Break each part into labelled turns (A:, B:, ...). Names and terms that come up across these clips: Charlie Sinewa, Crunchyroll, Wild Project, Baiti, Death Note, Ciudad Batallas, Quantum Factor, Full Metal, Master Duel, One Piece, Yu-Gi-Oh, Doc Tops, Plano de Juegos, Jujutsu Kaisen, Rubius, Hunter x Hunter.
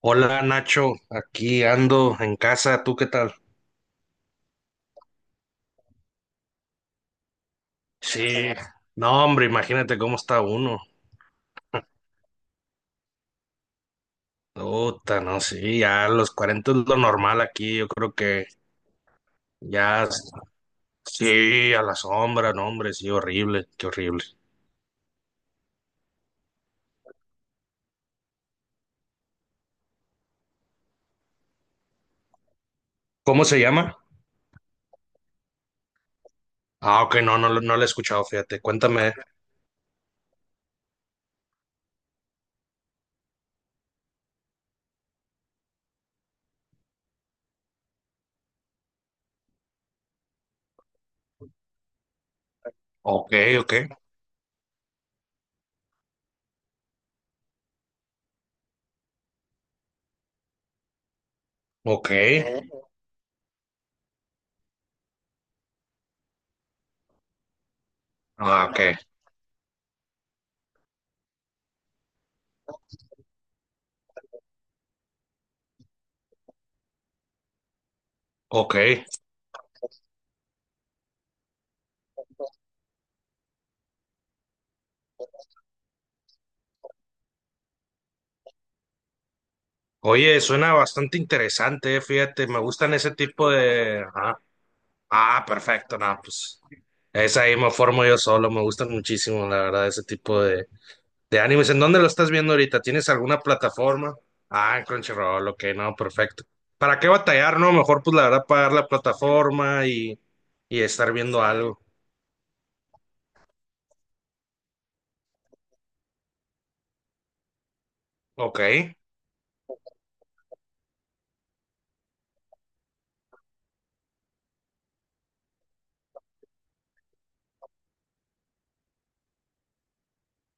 A: Hola Nacho, aquí ando en casa, ¿tú qué tal? Sí, no hombre, imagínate cómo está uno. Puta, no, sí, ya a los 40 es lo normal aquí, yo creo que ya, sí, a la sombra, no hombre, sí, horrible, qué horrible. ¿Cómo se llama? Ah, ok, no, no, no lo he escuchado, fíjate, cuéntame. Ok, ok, ok, ah, ok, ok. Oye, suena bastante interesante, fíjate, me gustan ese tipo de... Ah, ah, perfecto, no, pues... Esa ahí me formo yo solo, me gustan muchísimo, la verdad, ese tipo de animes. ¿En dónde lo estás viendo ahorita? ¿Tienes alguna plataforma? Ah, en Crunchyroll, ok, no, perfecto. ¿Para qué batallar, no? Mejor, pues, la verdad, pagar la plataforma y estar viendo algo. Ok.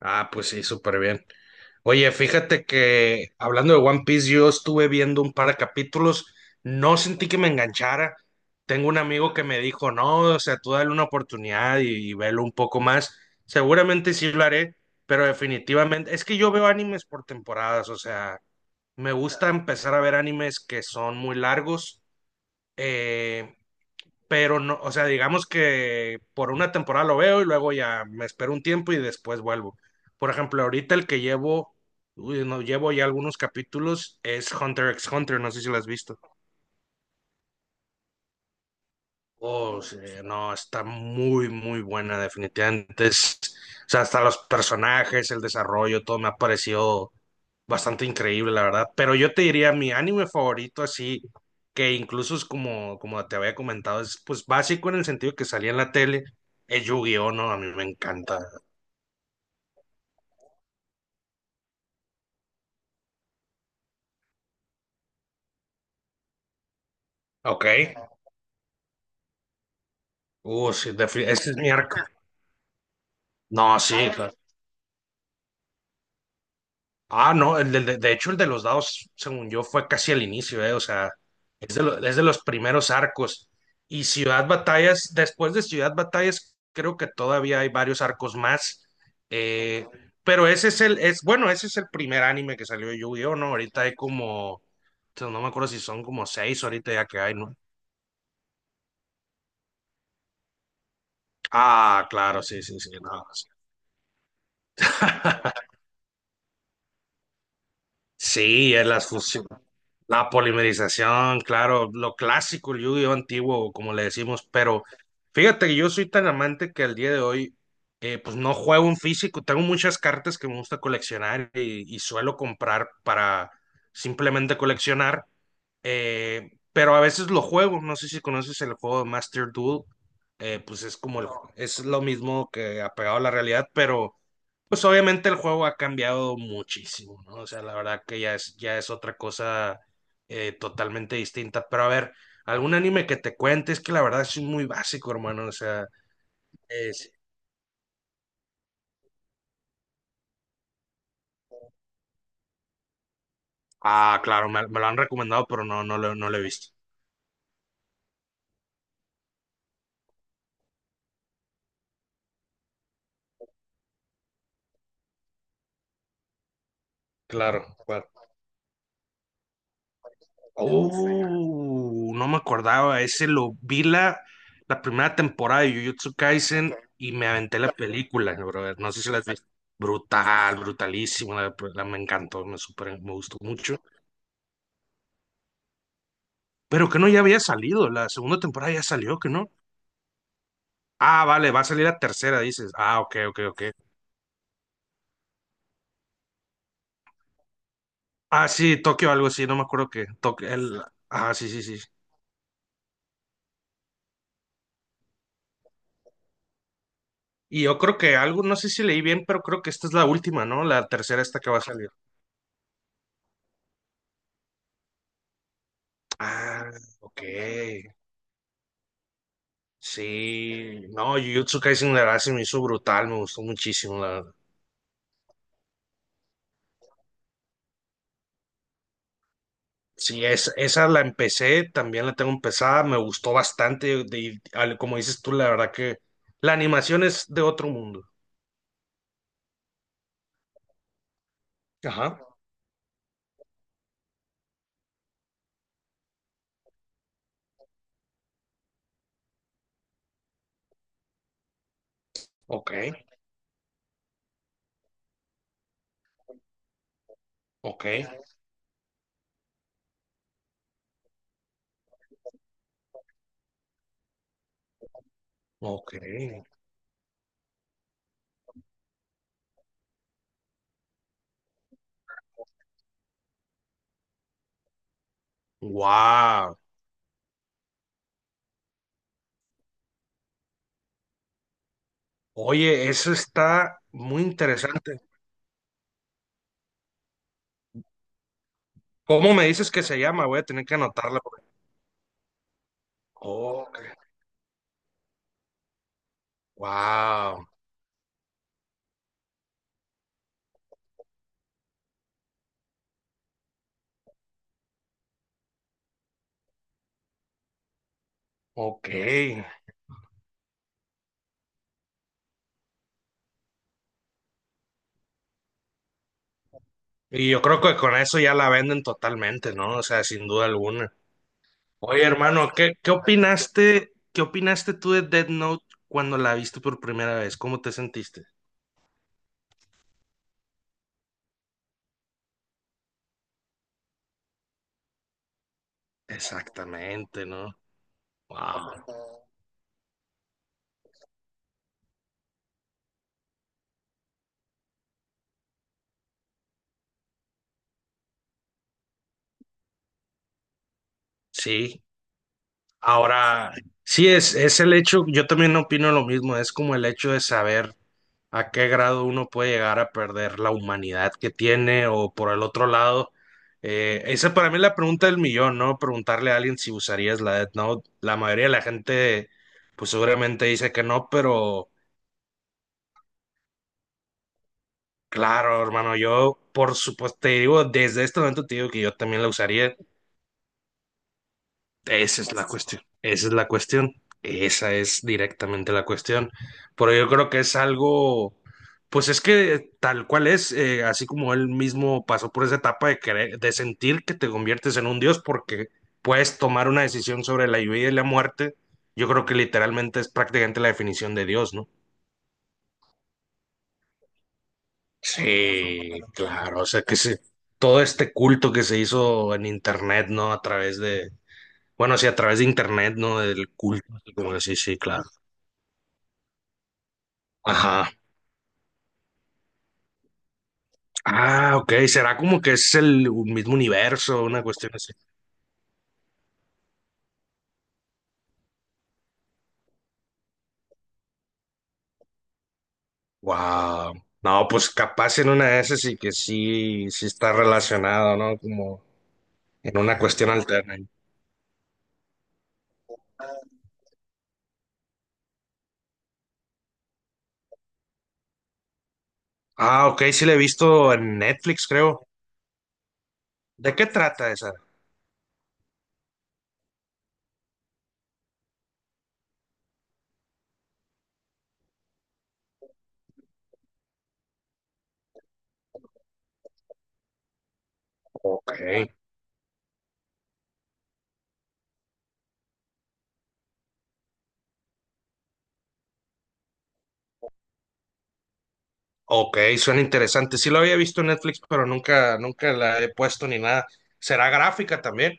A: Ah, pues sí, súper bien. Oye, fíjate que hablando de One Piece, yo estuve viendo un par de capítulos, no sentí que me enganchara. Tengo un amigo que me dijo, no, o sea, tú dale una oportunidad y velo un poco más. Seguramente sí lo haré, pero definitivamente, es que yo veo animes por temporadas, o sea, me gusta empezar a ver animes que son muy largos. Eh, pero no, o sea, digamos que por una temporada lo veo y luego ya me espero un tiempo y después vuelvo. Por ejemplo, ahorita el que llevo, uy, no, llevo ya algunos capítulos es Hunter x Hunter, no sé si lo has visto. Oh, sí, no, está muy, muy buena, definitivamente. O sea, hasta los personajes, el desarrollo, todo me ha parecido bastante increíble, la verdad. Pero yo te diría, mi anime favorito, así, que incluso es como, como te había comentado, es pues básico en el sentido que salía en la tele, es Yu-Gi-Oh, ¿no? A mí me encanta. Ok. Sí, ese es mi arco. No, sí, ah, no, de hecho el de los dados, según yo, fue casi al inicio, o sea, es de, es de los primeros arcos. Y Ciudad Batallas, después de Ciudad Batallas, creo que todavía hay varios arcos más. eh, pero ese es el, es, bueno, ese es el primer anime que salió de Yu-Gi-Oh, ¿no? Ahorita hay como, o sea, no me acuerdo si son como seis ahorita ya que hay, ¿no? Ah, claro, sí, sí, sí, no. Sí. Sí, es las fusión, la polimerización, claro, lo clásico, el yu antiguo, como le decimos, pero fíjate que yo soy tan amante que al día de hoy, pues no juego en físico, tengo muchas cartas que me gusta coleccionar y suelo comprar para simplemente coleccionar, pero a veces lo juego, no sé si conoces el juego de Master Duel, pues es como, es lo mismo que apegado a la realidad, pero pues obviamente el juego ha cambiado muchísimo, ¿no? O sea, la verdad que ya es otra cosa totalmente distinta, pero a ver, algún anime que te cuente, es que la verdad es muy básico, hermano, o sea, es... Ah, claro, me lo han recomendado, pero no, no lo, no lo he visto. Claro, oh, no me acordaba. Ese lo vi la, la primera temporada de Jujutsu Kaisen y me aventé la película, brother. No sé si la has visto. Brutal, brutalísima. La, pues, me encantó, me super, me gustó mucho. Pero que no ya había salido. La segunda temporada ya salió, que no. Ah, vale, va a salir la tercera, dices. Ah, ok, ok, ok. Ah, sí, Tokio, algo así, no me acuerdo qué. Tokio, el... Ah, sí, sí, sí. Y yo creo que algo, no sé si leí bien, pero creo que esta es la última, ¿no? La tercera esta que va a salir. Ah, ok, sí, no, Jujutsu Kaisen la verdad se me hizo brutal, me gustó muchísimo, la verdad. Sí, es, esa la empecé, también la tengo empezada, me gustó bastante, como dices tú, la verdad que la animación es de otro mundo. Ajá, ok, ok, ok, wow. Oye, eso está muy interesante. ¿Cómo me dices que se llama? Voy a tener que anotarla. Ok, wow, ok. Y yo creo que con eso ya la venden totalmente, ¿no? O sea, sin duda alguna. Oye, hermano, ¿qué, qué opinaste tú de Death Note cuando la viste por primera vez? ¿Cómo te sentiste? Exactamente, ¿no? Wow. Sí. Ahora, sí, es el hecho, yo también opino lo mismo, es como el hecho de saber a qué grado uno puede llegar a perder la humanidad que tiene o por el otro lado. Esa para mí es la pregunta del millón, ¿no? Preguntarle a alguien si usarías la Death Note. La mayoría de la gente, pues seguramente dice que no, pero... Claro, hermano, yo por supuesto te digo, desde este momento te digo que yo también la usaría. Esa es la cuestión, esa es la cuestión, esa es directamente la cuestión. Pero yo creo que es algo, pues es que tal cual es, así como él mismo pasó por esa etapa de querer, de sentir que te conviertes en un dios porque puedes tomar una decisión sobre la vida y la muerte, yo creo que literalmente es prácticamente la definición de Dios, ¿no? Sí, claro, o sea que se, todo este culto que se hizo en internet, ¿no? A través de, bueno, sí, a través de internet, ¿no? Del culto, así como que sí, sí, claro. Ajá. Ah, ok, será como que es el mismo universo, una cuestión así. Wow. No, pues capaz en una de esas sí que sí, sí está relacionado, ¿no? Como en una cuestión alterna. Ah, ok, sí la he visto en Netflix, creo. ¿De qué trata esa? Ok. Ok, suena interesante. Sí lo había visto en Netflix, pero nunca, nunca la he puesto ni nada. ¿Será gráfica también?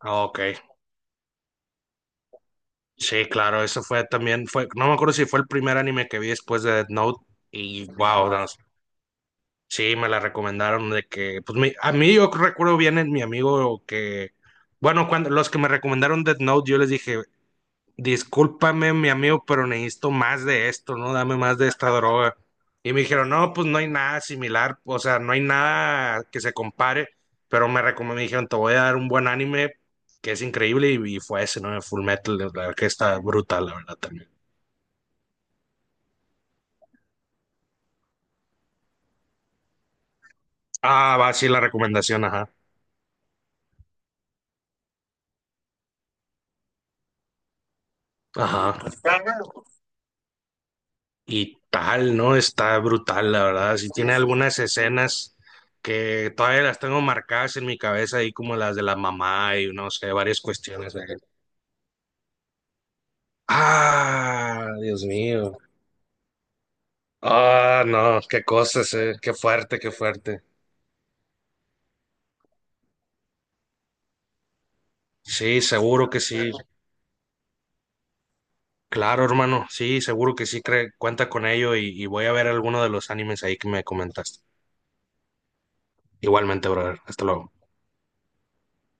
A: Ah, ok, sí, claro, eso fue también, fue, no me acuerdo si fue el primer anime que vi después de Death Note y wow, no, sí, me la recomendaron de que, pues a mí yo recuerdo bien en mi amigo que, bueno, cuando los que me recomendaron Death Note, yo les dije, discúlpame, mi amigo, pero necesito más de esto, ¿no? Dame más de esta droga. Y me dijeron, no, pues no hay nada similar, o sea, no hay nada que se compare, pero me recomendó, me dijeron, te voy a dar un buen anime que es increíble y fue ese, ¿no? Full Metal, la verdad que está brutal, la verdad también. Ah, va, sí, la recomendación, ajá. Ajá. Y tal, ¿no? Está brutal, la verdad. Sí tiene algunas escenas que todavía las tengo marcadas en mi cabeza, ahí como las de la mamá y no sé, varias cuestiones. ¿Eh? Ah, Dios mío. Ah, no, qué cosas, eh. Qué fuerte, qué fuerte. Sí, seguro que sí. Claro, hermano. Sí, seguro que sí. Cuenta con ello y voy a ver alguno de los animes ahí que me comentaste. Igualmente, brother. Hasta luego.